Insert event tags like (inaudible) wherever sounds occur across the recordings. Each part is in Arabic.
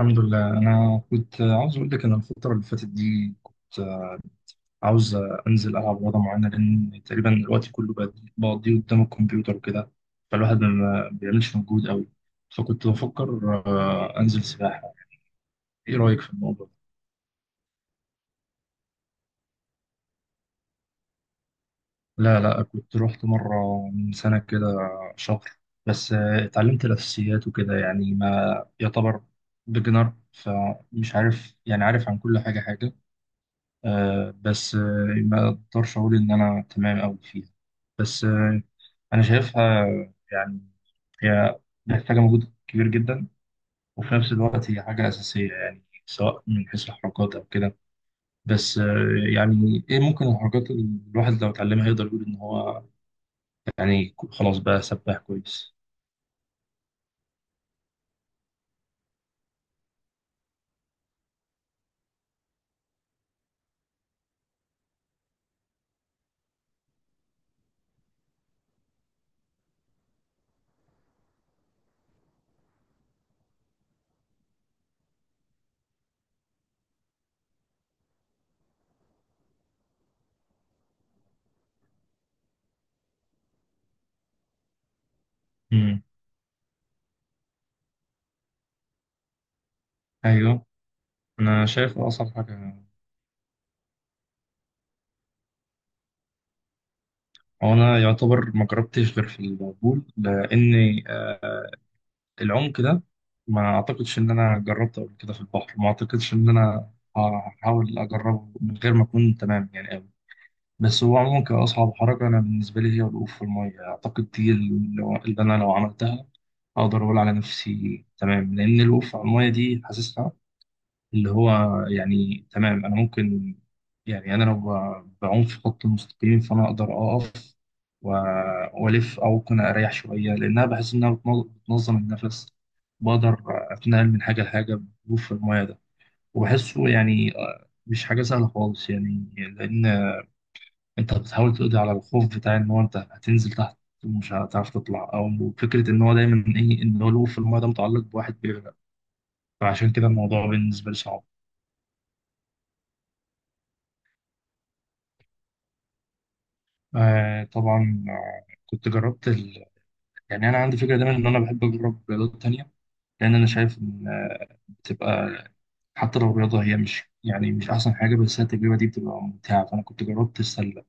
الحمد لله، انا كنت عاوز اقول لك ان الفتره اللي فاتت دي كنت عاوز انزل العب رياضه معينه، لان تقريبا الوقت كله بقضيه قدام الكمبيوتر وكده. فالواحد ما بيعملش مجهود قوي. فكنت بفكر انزل سباحه. ايه رايك في الموضوع ده؟ لا، لا، كنت رحت مره من سنه كده، شهر. بس اتعلمت الاساسيات وكده، يعني ما يعتبر بيجنر، فمش عارف يعني عارف عن كل حاجه حاجه. بس ما اقدرش اقول ان انا تمام أوي فيها. بس انا شايفها، يعني هي محتاجه مجهود كبير جدا، وفي نفس الوقت هي حاجه اساسيه، يعني سواء من حيث الحركات او كده. بس يعني ايه ممكن الحركات اللي الواحد لو اتعلمها يقدر يقول ان هو يعني خلاص بقى سباح كويس. امم. ايوه، انا شايف اصعب حاجه. هو انا يعتبر ما جربتش غير في البول، لاني العمق ده ما اعتقدش ان انا جربته قبل كده في البحر، ما اعتقدش ان انا هحاول اجربه من غير ما اكون تمام يعني قوي. بس هو عموما كأصعب حركة، أنا بالنسبة لي هي الوقوف في المية، أعتقد دي اللي أنا لو عملتها أقدر أقول على نفسي تمام، لأن الوقوف على المية دي حاسسها اللي هو يعني تمام. انا ممكن، يعني انا لو بعوم في خط المستقيم فانا اقدر اقف و- والف او ممكن اريح شويه، لانها بحس انها بتنظم النفس. بقدر اتنقل من حاجه لحاجه. بوف الميه ده وبحسه يعني مش حاجه سهله خالص، يعني لان انت بتحاول تقضي على الخوف بتاع ان هو انت هتنزل تحت ومش هتعرف تطلع، او فكره ان هو دايما ايه ان هو الوقوف في الميه ده متعلق بواحد بيغرق. فعشان كده الموضوع بالنسبه لي صعب. آه طبعا، كنت جربت يعني انا عندي فكره دايما ان انا بحب اجرب رياضات تانية، لان انا شايف ان بتبقى حتى لو الرياضه هي مش يعني مش احسن حاجه، بس هي التجربه دي بتبقى ممتعه. فانا كنت جربت السله،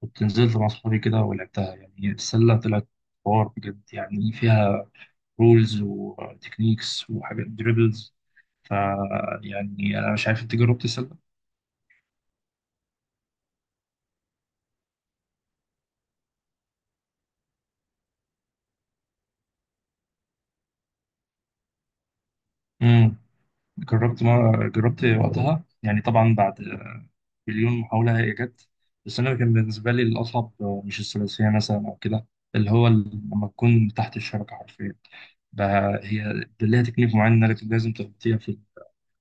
كنت نزلت مع اصحابي كده ولعبتها. يعني السله طلعت حوار بجد، يعني فيها رولز وتكنيكس وحاجات دريبلز. ف يعني انا مش عارف انت جربت السله. امم جربت ما جربت وقتها، يعني طبعا بعد مليون محاولة هي جت. بس أنا كان بالنسبة لي الأصعب مش الثلاثية مثلا أو كده، اللي هو لما تكون تحت الشبكة حرفيا بقى، هي ليها تكنيك معين إنك لازم تغطيها في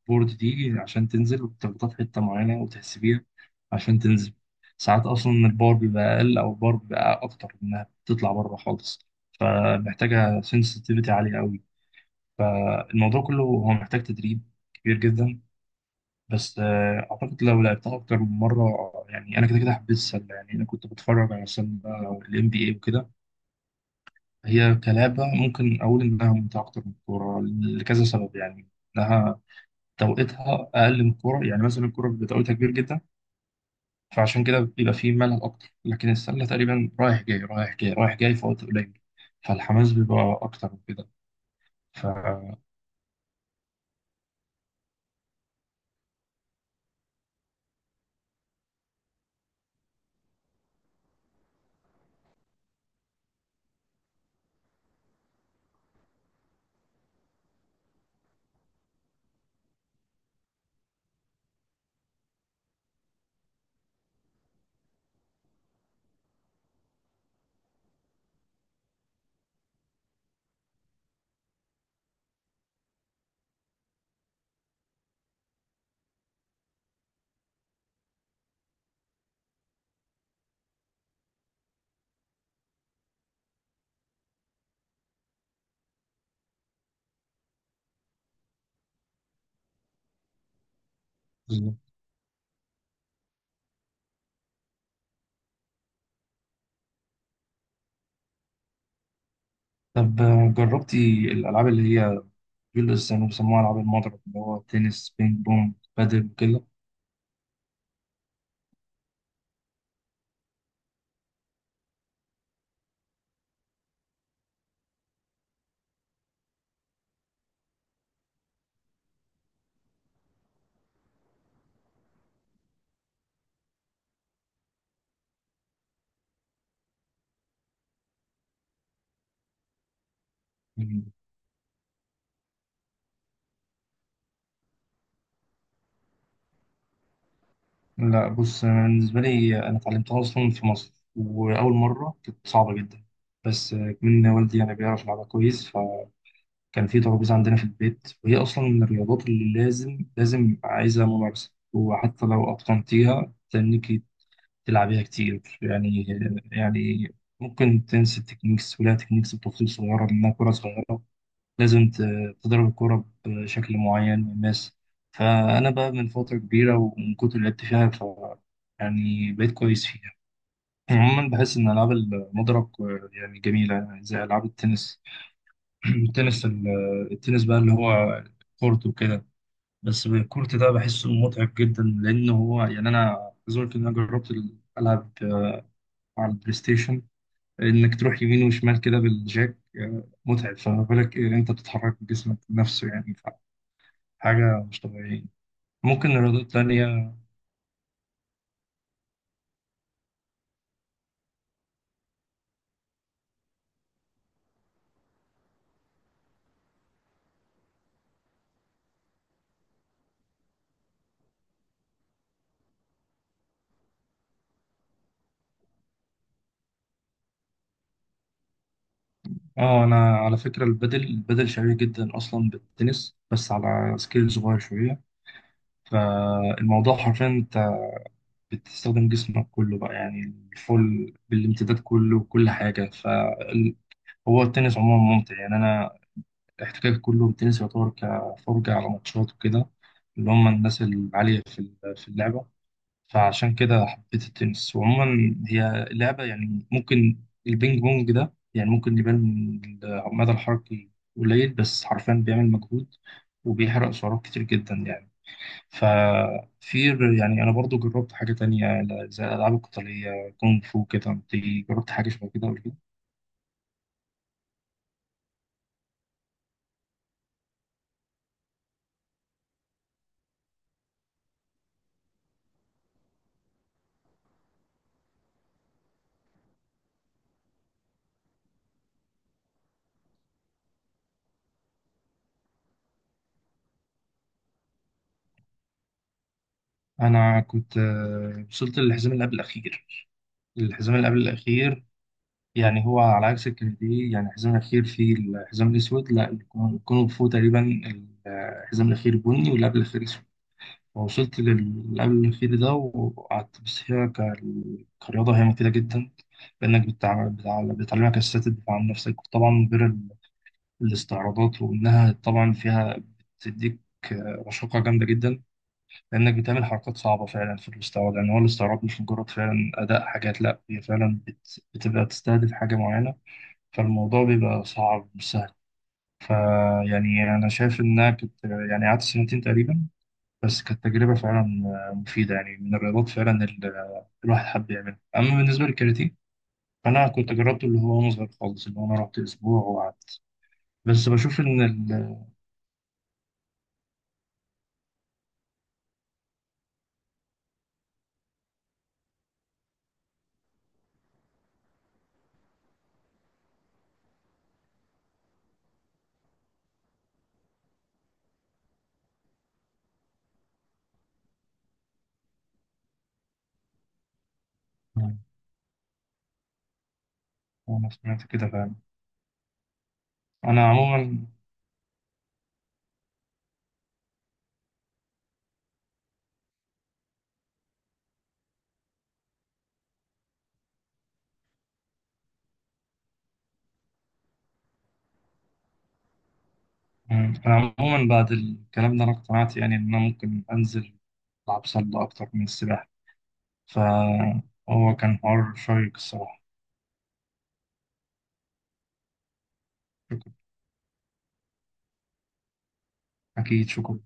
البورد دي عشان تنزل وتغطيها في حتة معينة وتحسبيها عشان تنزل. ساعات أصلا البار بيبقى أقل أو البار بيبقى أكتر، إنها بتطلع بره خالص، فمحتاجة سنسitivityتي عالية أوي. الموضوع كله هو محتاج تدريب كبير جدا. بس اعتقد لو لعبتها اكتر من مره، يعني انا كده كده حبيت السله. يعني انا كنت بتفرج على السله او NBA وكده. هي كلعبه ممكن اقول انها ممتعه اكتر من الكوره لكذا سبب، يعني انها توقيتها اقل من الكوره، يعني مثلا الكوره بيبقى توقيتها كبير جدا، فعشان كده بيبقى فيه ملل اكتر. لكن السله تقريبا رايح جاي رايح جاي رايح جاي في وقت قليل، فالحماس بيبقى اكتر من كده. ف بالظبط. طب جربتي الالعاب اللي هي بيلبس كانوا بيسموها ألعاب المضرب، اللي هو تنس بينج بونج بادل وكده. لا بص، أنا بالنسبة لي أنا اتعلمتها أصلا في مصر، وأول مرة كانت صعبة جدا. بس من والدي يعني بيعرف يلعبها كويس، فكان في ترابيزة عندنا في البيت، وهي أصلا من الرياضات اللي لازم لازم عايزة ممارسة، وحتى لو أتقنتيها تنيكي تلعبيها كتير يعني. يعني ممكن تنسي التكنيكس، ولها تكنيكس بتفاصيل صغيرة لأنها كرة صغيرة، لازم تضرب الكورة بشكل معين. والناس، فأنا بقى من فترة كبيرة، ومن كتر اللي لعبت فيها يعني بقيت كويس فيها. عموما بحس إن ألعاب المضرب يعني جميلة، يعني زي ألعاب التنس. (clears throat) التنس التنس بقى اللي هو كورت وكده، بس الكورت ده بحسه متعب جدا، لأنه هو يعني أنا عايز أقول لك إن أنا جربت ألعب على البلاي ستيشن، إنك تروح يمين وشمال كده بالجاك متعب. فما بالك إيه أنت بتتحرك بجسمك نفسه يعني؟ حاجة مش طبيعية. ممكن رياضات تانية. اه، أنا على فكرة البدل البدل شبيه جدا أصلا بالتنس، بس على سكيل صغير شوية. فالموضوع حرفيا أنت بتستخدم جسمك كله بقى، يعني الفول بالامتداد كله وكل حاجة، فهو التنس عموما ممتع. يعني أنا احتكاك كله بالتنس يعتبر كفرجة على ماتشات وكده، اللي هم الناس العالية في اللعبة. فعشان كده حبيت التنس. وعموما هي لعبة، يعني ممكن البينج بونج ده يعني ممكن يبان المدى الحركي قليل، بس حرفيا بيعمل مجهود وبيحرق سعرات كتير جدا يعني. ففي يعني أنا برضو جربت حاجة تانية زي الألعاب القتالية كونغ فو كده. أنت جربت حاجة شبه كده قبل كده؟ أنا كنت وصلت للحزام اللي قبل الأخير. الحزام اللي قبل الأخير، يعني هو على عكس الكندي، يعني الحزام الأخير فيه الحزام الأسود، لا الكونغ فو تقريبا الحزام الأخير بني، واللي قبل الأخير أسود. فوصلت للي قبل الأخير ده وقعدت. بس هي كرياضة هي مفيدة جدا، لأنك بتعلمك أساسات الدفاع عن نفسك، طبعا غير الاستعراضات. وإنها طبعا فيها بتديك رشاقة جامدة جدا، لأنك بتعمل حركات صعبة فعلا في الاستعراض. يعني هو الاستعراض مش مجرد فعلا أداء حاجات، لا هي فعلا بتبقى تستهدف حاجة معينة، فالموضوع بيبقى صعب مش سهل. فيعني أنا شايف إنها كنت يعني قعدت سنتين تقريبا، بس كانت تجربة فعلا مفيدة، يعني من الرياضات فعلا اللي الواحد حب يعملها. أما بالنسبة للكاراتيه، فأنا كنت جربته اللي هو وأنا صغير خالص، اللي هو أنا رحت أسبوع وقعدت بس، بشوف إن آه، أنا سمعت كده فعلا. أنا عموما أنا عموما بعد الكلام ده أنا اقتنعت، يعني إن أنا ممكن أنزل ألعب سلة أكتر من السباحة. فهو كان حوار شيق الصراحة. شكرا. أكيد، شكرا.